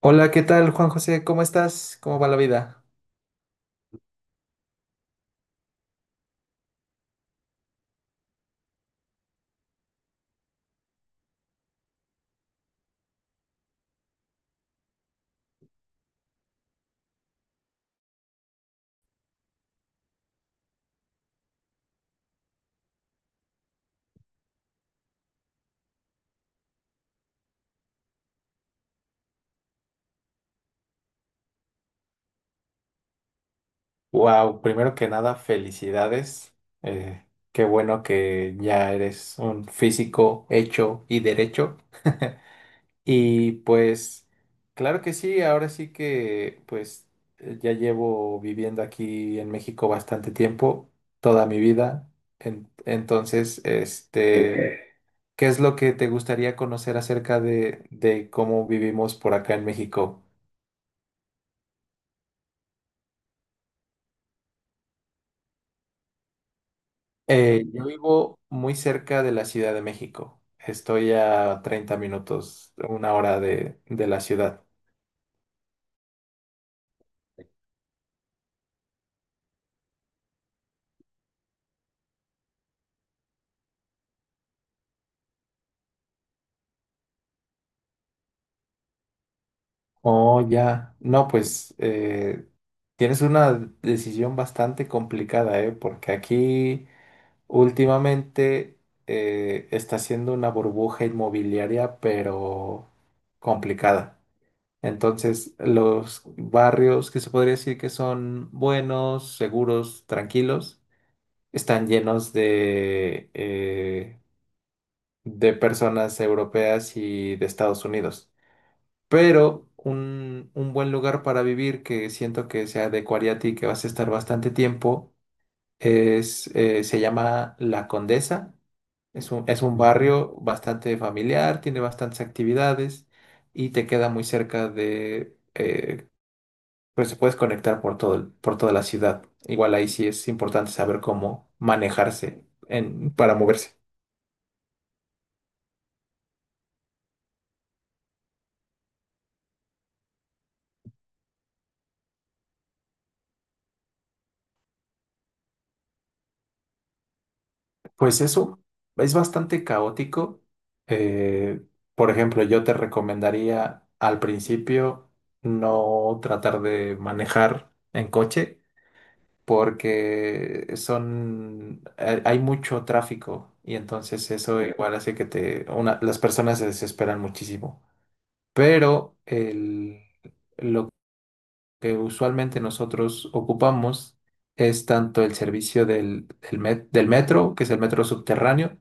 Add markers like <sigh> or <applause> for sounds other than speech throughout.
Hola, ¿qué tal, Juan José? ¿Cómo estás? ¿Cómo va la vida? Wow, primero que nada, felicidades. Eh, Qué bueno que ya eres un físico hecho y derecho. Y pues, claro que sí, ahora sí que pues ya llevo viviendo aquí en México bastante tiempo, toda mi vida. Entonces, este, ok, ¿qué es lo que te gustaría conocer acerca de cómo vivimos por acá en México? Yo vivo muy cerca de la Ciudad de México. Estoy a 30 minutos, una hora de la ciudad. Oh, ya. No, pues tienes una decisión bastante complicada, ¿eh? Porque aquí últimamente está siendo una burbuja inmobiliaria, pero complicada. Entonces, los barrios que se podría decir que son buenos, seguros, tranquilos están llenos de de personas europeas y de Estados Unidos. Pero un buen lugar para vivir que siento que se adecuaría a ti, que vas a estar bastante tiempo, es, se llama La Condesa. Es es un barrio bastante familiar, tiene bastantes actividades y te queda muy cerca de pues se puedes conectar por todo, por toda la ciudad. Igual ahí sí es importante saber cómo manejarse en, para moverse. Pues eso es bastante caótico. Eh, por ejemplo, yo te recomendaría al principio no tratar de manejar en coche porque son, hay mucho tráfico y entonces eso igual hace que te, una- las personas se desesperan muchísimo. Pero el- lo que usualmente nosotros ocupamos es tanto el servicio del metro, que es el metro subterráneo,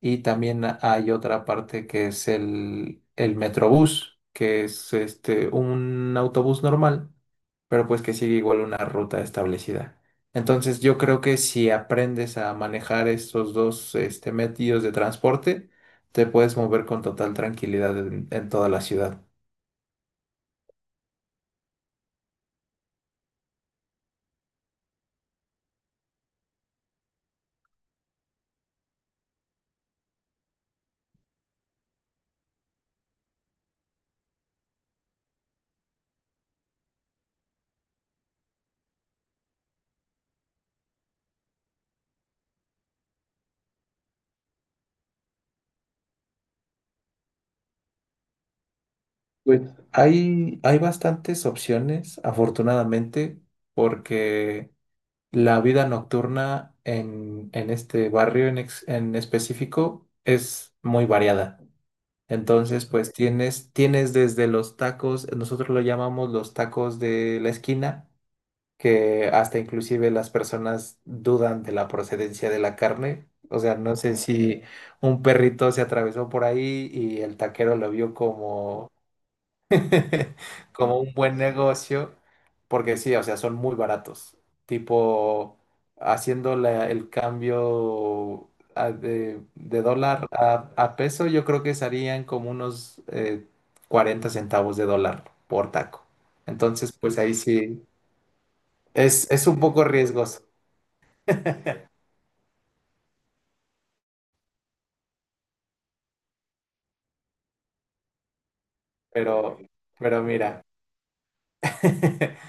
y también hay otra parte que es el Metrobús, que es este, un autobús normal, pero pues que sigue igual una ruta establecida. Entonces yo creo que si aprendes a manejar estos dos este, medios de transporte, te puedes mover con total tranquilidad en toda la ciudad. Pues hay bastantes opciones, afortunadamente, porque... la vida nocturna en este barrio en específico es muy variada. Entonces, pues tienes, tienes desde los tacos, nosotros lo llamamos los tacos de la esquina, que hasta inclusive las personas dudan de la procedencia de la carne. O sea, no sé si un perrito se atravesó por ahí y el taquero lo vio como <laughs> como un buen negocio, porque sí, o sea, son muy baratos. Tipo, haciendo el cambio de de dólar a peso, yo creo que serían como unos 40 centavos de dólar por taco. Entonces, pues ahí sí, es un poco riesgoso, pero, pero mira. <laughs>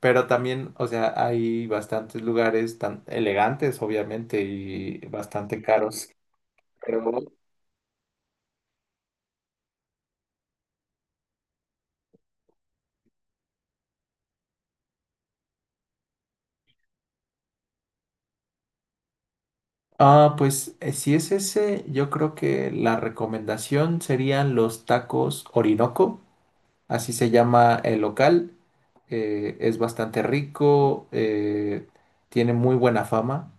Pero también, o sea, hay bastantes lugares tan elegantes, obviamente, y bastante caros. Pero ah, pues si es ese, yo creo que la recomendación serían los tacos Orinoco, así se llama el local. Eh, es bastante rico, tiene muy buena fama,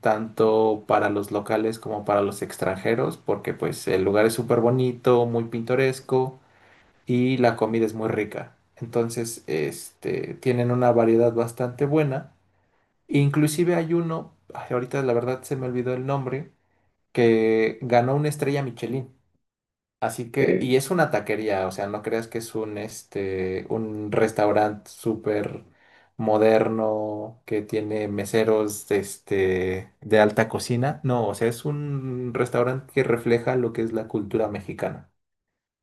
tanto para los locales como para los extranjeros, porque pues el lugar es súper bonito, muy pintoresco y la comida es muy rica. Entonces, este, tienen una variedad bastante buena. Inclusive hay uno, ay, ahorita la verdad se me olvidó el nombre que ganó una estrella Michelin. Así que, eh, y es una taquería, o sea, no creas que es un, este, un restaurante súper moderno que tiene meseros, este, de alta cocina. No, o sea, es un restaurante que refleja lo que es la cultura mexicana.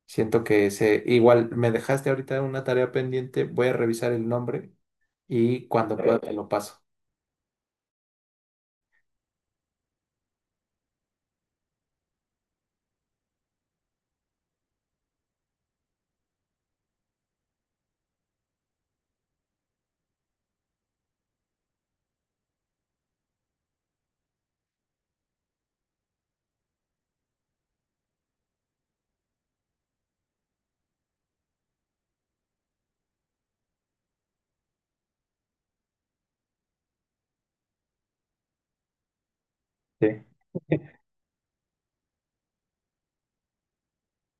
Siento que se, igual me dejaste ahorita una tarea pendiente, voy a revisar el nombre y cuando pueda te lo paso. Sí.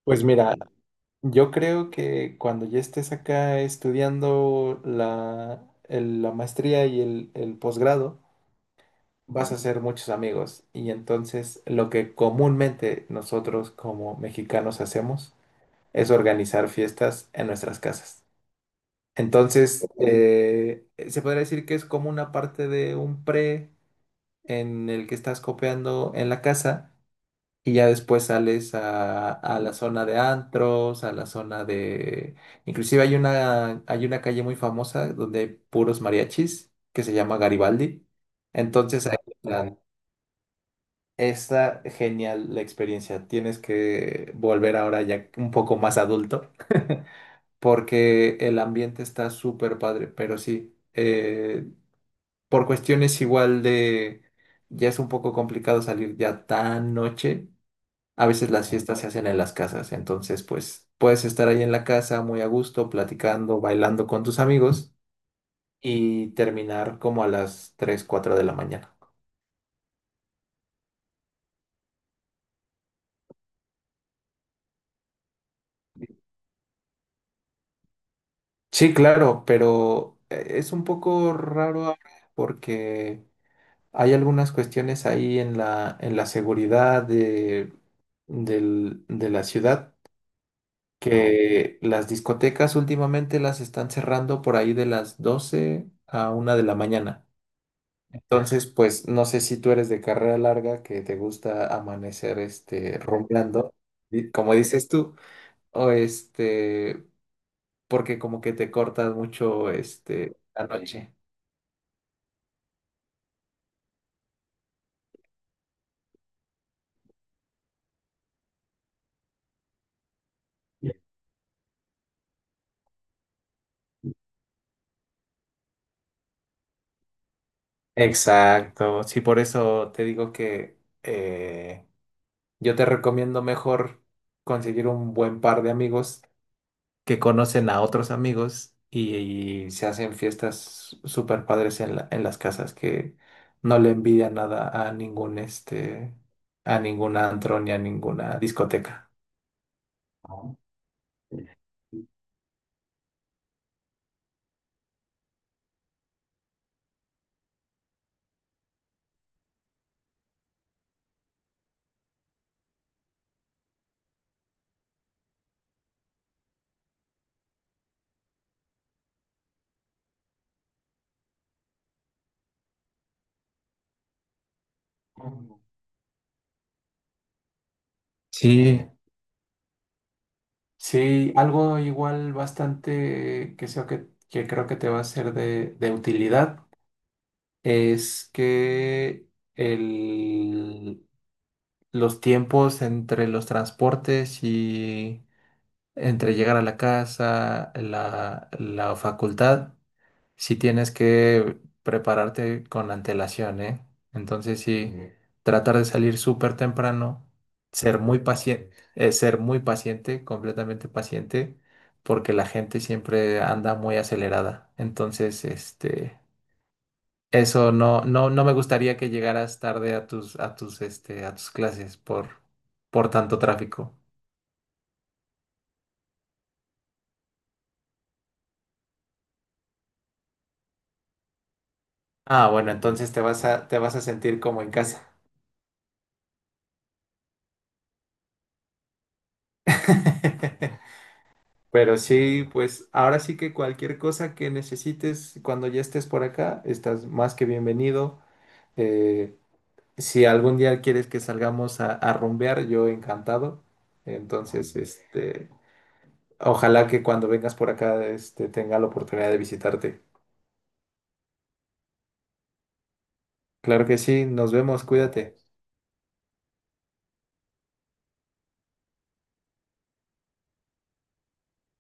Pues mira, yo creo que cuando ya estés acá estudiando la maestría y el posgrado, vas a hacer muchos amigos. Y entonces lo que comúnmente nosotros como mexicanos hacemos es organizar fiestas en nuestras casas. Entonces, se podría decir que es como una parte de un pre en el que estás copiando en la casa y ya después sales a la zona de antros, a la zona de... Inclusive hay una calle muy famosa donde hay puros mariachis que se llama Garibaldi. Entonces ahí la- está genial la experiencia. Tienes que volver ahora ya un poco más adulto <laughs> porque el ambiente está súper padre, pero sí, por cuestiones igual de, ya es un poco complicado salir ya tan noche, a veces las fiestas se hacen en las casas, entonces pues puedes estar ahí en la casa muy a gusto, platicando, bailando con tus amigos y terminar como a las 3, 4 de la mañana. Sí, claro, pero es un poco raro ahora porque hay algunas cuestiones ahí en en la seguridad de, de la ciudad que las discotecas últimamente las están cerrando por ahí de las 12 a 1 de la mañana. Entonces, pues no sé si tú eres de carrera larga, que te gusta amanecer este rumbeando, di- como dices tú, o este, porque como que te cortas mucho este la noche. Exacto, sí, por eso te digo que eh, yo te recomiendo mejor conseguir un buen par de amigos que conocen a otros amigos y se hacen fiestas súper padres en en las casas que no le envidia nada a ningún este, a ningún antro ni a ninguna discoteca. Sí, sí, algo igual bastante que sea que creo que te va a ser de utilidad es que el, los tiempos entre los transportes y entre llegar a la casa, la facultad, sí tienes que prepararte con antelación, ¿eh? Entonces sí, ujú, tratar de salir súper temprano, ser muy paciente, ser muy paciente, completamente paciente, porque la gente siempre anda muy acelerada. Entonces, este, eso no, no, no me gustaría que llegaras tarde a tus, a tus clases por tanto tráfico. Ah, bueno, entonces te vas a sentir como en casa. <laughs> Pero sí, pues ahora sí que cualquier cosa que necesites cuando ya estés por acá, estás más que bienvenido. Eh, si algún día quieres que salgamos a rumbear, yo encantado. Entonces, este, ojalá que cuando vengas por acá, este, tenga la oportunidad de visitarte. Claro que sí, nos vemos, cuídate.